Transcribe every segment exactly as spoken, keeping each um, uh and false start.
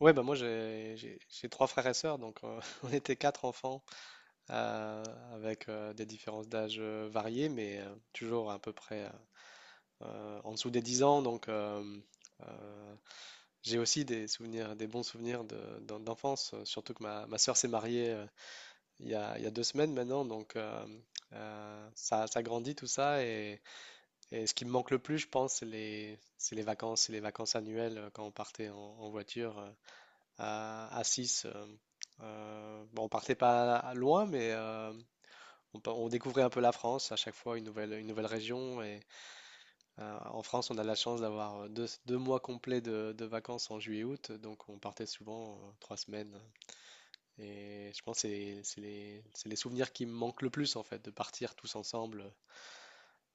Ouais, bah moi j'ai j'ai- j'ai trois frères et sœurs, donc euh, on était quatre enfants euh, avec euh, des différences d'âge euh, variées, mais euh, toujours à peu près euh, euh, en dessous des dix ans. Donc euh, euh, j'ai aussi des souvenirs, des bons souvenirs de- d'en- d'enfance, euh, surtout que ma, ma sœur s'est mariée euh, il y a, il y a deux semaines maintenant, donc euh, euh, ça, ça grandit tout ça. Et, et ce qui me manque le plus, je pense, c'est les, c'est les vacances, c'est les vacances annuelles euh, quand on partait en, en voiture, euh, à, à six. Euh, euh, bon, on partait pas loin, mais euh, on, pa- on découvrait un peu la France, à chaque fois une nouvelle, une nouvelle région. Et euh, en France, on a la chance d'avoir euh, deux, deux mois complets de, de vacances en juillet-août, donc on partait souvent euh, trois semaines. Et je pense que c'est c'est les, c'est les souvenirs qui me manquent le plus, en fait, de partir tous ensemble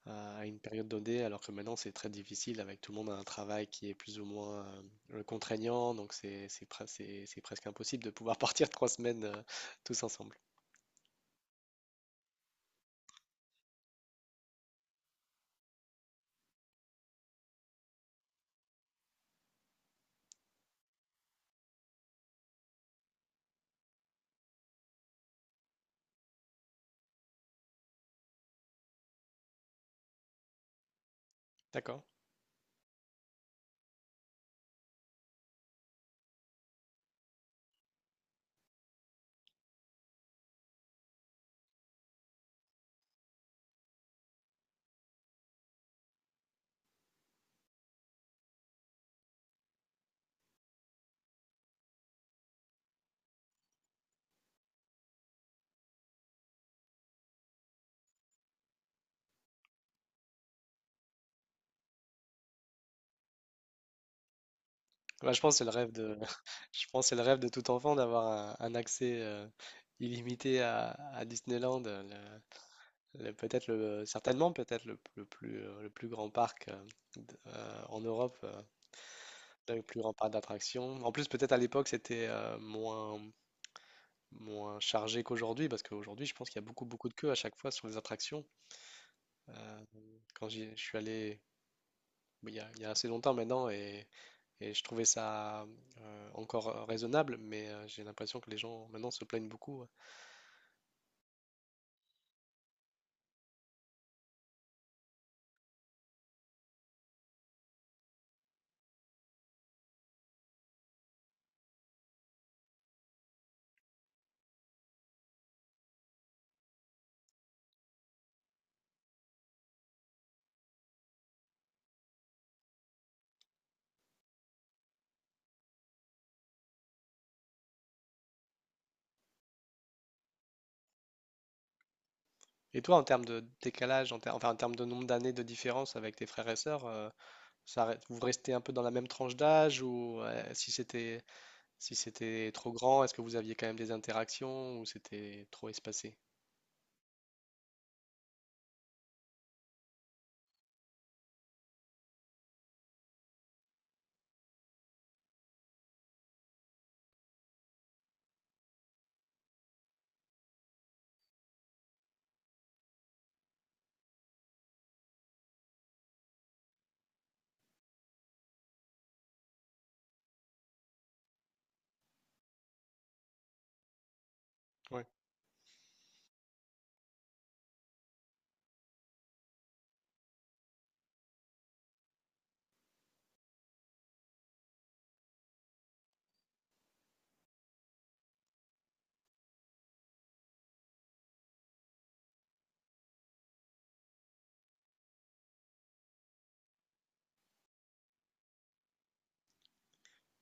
à à une période donnée, alors que maintenant c'est très difficile avec tout le monde a un travail qui est plus ou moins euh, euh, contraignant, donc c'est c'est pre- c'est- c'est presque impossible de pouvoir partir trois semaines euh, tous ensemble. D'accord. Bah, je pense que c'est le rêve de, je pense que c'est le rêve de tout enfant d'avoir un, un accès euh, illimité à, à Disneyland, euh, le- le- peut-être le, certainement peut-être le, le plus euh, le plus grand parc euh, d- euh, en Europe, euh, le plus grand parc d'attractions. En plus, peut-être à l'époque c'était euh, moins moins chargé qu'aujourd'hui, parce qu'aujourd'hui, je pense qu'il y a beaucoup, beaucoup de queues à chaque fois sur les attractions. Euh, quand j'y- je suis allé bah, il y a, il y a assez longtemps maintenant, et, et je trouvais ça euh, encore raisonnable, mais euh, j'ai l'impression que les gens maintenant se plaignent beaucoup. Ouais. Et toi, en termes de décalage, en ter- enfin en termes de nombre d'années de différence avec tes frères et sœurs, euh, ça, re- vous restez un peu dans la même tranche d'âge, ou euh, si c'était si c'était trop grand, est-ce que vous aviez quand même des interactions, ou c'était trop espacé?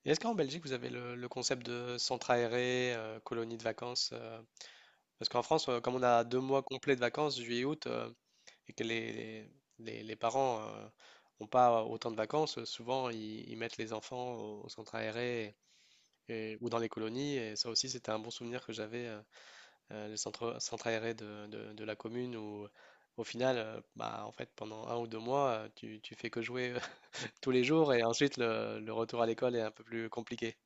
Et est-ce qu'en Belgique, vous avez le, le concept de centre aéré, euh, colonie de vacances? euh, Parce qu'en France, euh, comme on a deux mois complets de vacances, juillet, août, euh, et que les, les, les- les parents n'ont pas autant de vacances, euh, souvent ils, ils mettent les enfants au, au centre aéré et- ou dans les colonies. Et ça aussi, c'était un bon souvenir que j'avais, euh, euh, le centre, centre aéré de, de- de la commune où. euh, Au final, euh, bah, en fait, pendant un ou deux mois, euh, tu, tu fais que jouer tous les jours et ensuite le, le retour à l'école est un peu plus compliqué.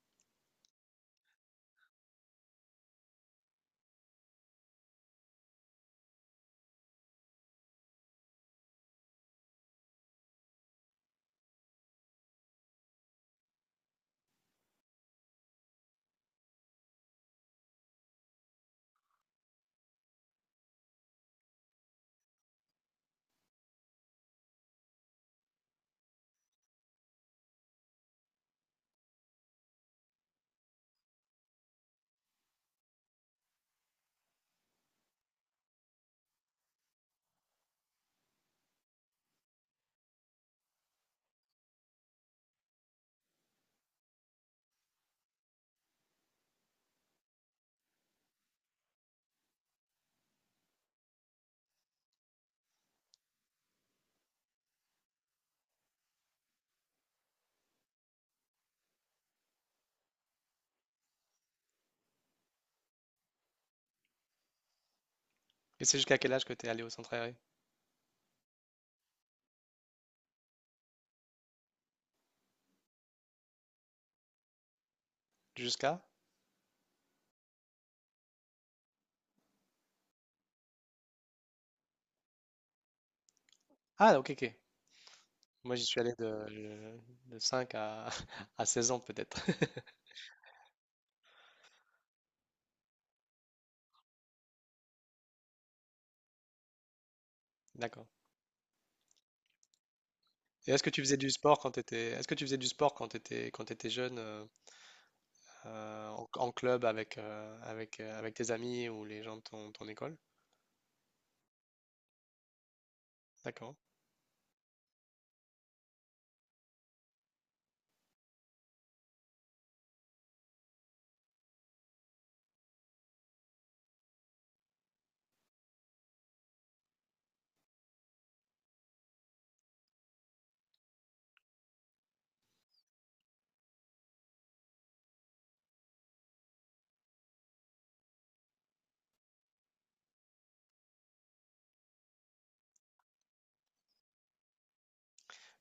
Et c'est jusqu'à quel âge que tu es allé au centre aéré? Jusqu'à? Ah, ok, ok. Moi, j'y suis allé de, de, cinq à, à seize ans, peut-être. D'accord. Et est-ce que tu faisais du sport quand tu étais, est-ce que tu faisais du sport quand tu étais, quand tu jeune, euh, euh, en, en club avec, euh, avec, euh, avec tes amis ou les gens de ton, ton école? D'accord.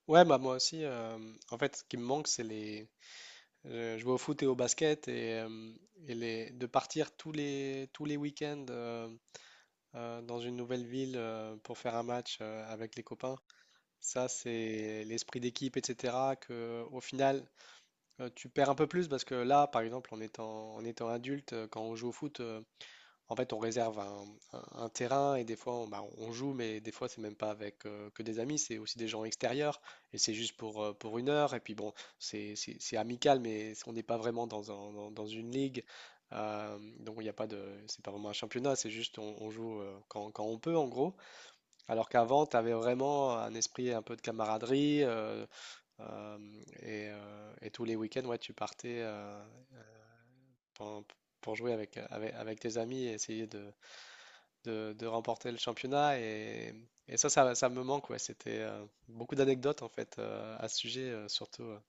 Ouais, bah moi aussi, euh, en fait, ce qui me manque, c'est les. Je, je vais au foot et au basket et, euh, et les... de partir tous les, tous les week-ends euh, euh, dans une nouvelle ville euh, pour faire un match euh, avec les copains. Ça, c'est l'esprit d'équipe, et cetera. Que, au final, euh, tu perds un peu plus parce que là, par exemple, en étant, en étant adulte, euh, quand on joue au foot, euh, en fait, on réserve un, un- un terrain et des fois, on, bah, on joue, mais des fois, c'est même pas avec euh, que des amis, c'est aussi des gens extérieurs et c'est juste pour, euh, pour une heure. Et puis bon, c'est c'est- c'est amical, mais on n'est pas vraiment dans, un- dans, dans une ligue. Euh, donc, il n'y a pas de, c'est pas vraiment un championnat, c'est juste on, on joue euh, quand, quand on peut, en gros. Alors qu'avant, tu avais vraiment un esprit un peu de camaraderie euh, euh, et, euh, et tous les week-ends, ouais, tu partais euh, pour, pour jouer avec, avec, avec tes amis et essayer de, de, de remporter le championnat. Et, et ça, ça, ça me manque, ouais. C'était euh, beaucoup d'anecdotes en fait euh, à ce sujet, euh, surtout. euh,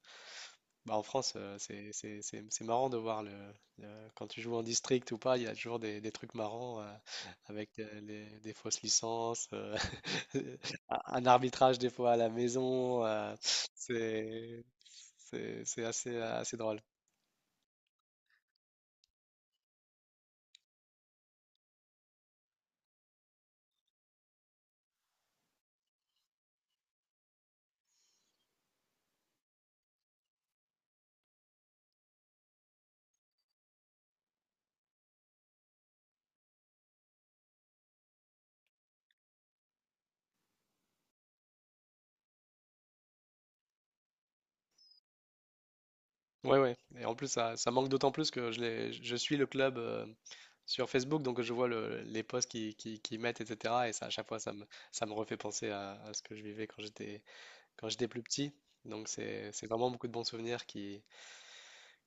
Bah, en France, euh, c'est c'est- c'est- c'est marrant de voir le, le- quand tu joues en district ou pas, il y a toujours des, des trucs marrants euh, avec euh, les- des fausses licences, euh, un arbitrage des fois à la maison. euh, c'est c'est- c'est assez, assez drôle. Ouais, ouais. Et en plus, ça, ça manque d'autant plus que je, l'ai- je suis le club euh, sur Facebook, donc je vois le- les posts qu'ils qui, qui- qu'ils mettent, et cetera. Et ça, à chaque fois, ça me, ça me refait penser à, à ce que je vivais quand j'étais quand j'étais plus petit. Donc c'est c'est vraiment beaucoup de bons souvenirs qui,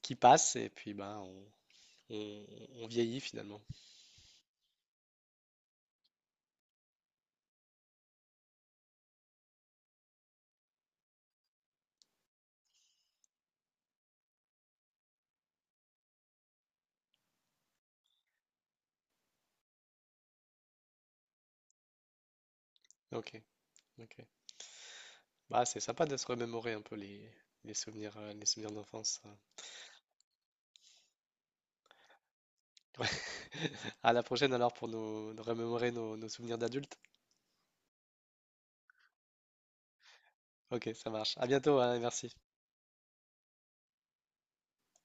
qui passent et puis ben on, on- on vieillit finalement. Ok, ok. Bah c'est sympa de se remémorer un peu les, les souvenirs euh, les souvenirs d'enfance, hein. Ouais. À la prochaine alors pour nous, nous remémorer nos, nos souvenirs d'adultes. Ok, ça marche. À bientôt, hein, et merci.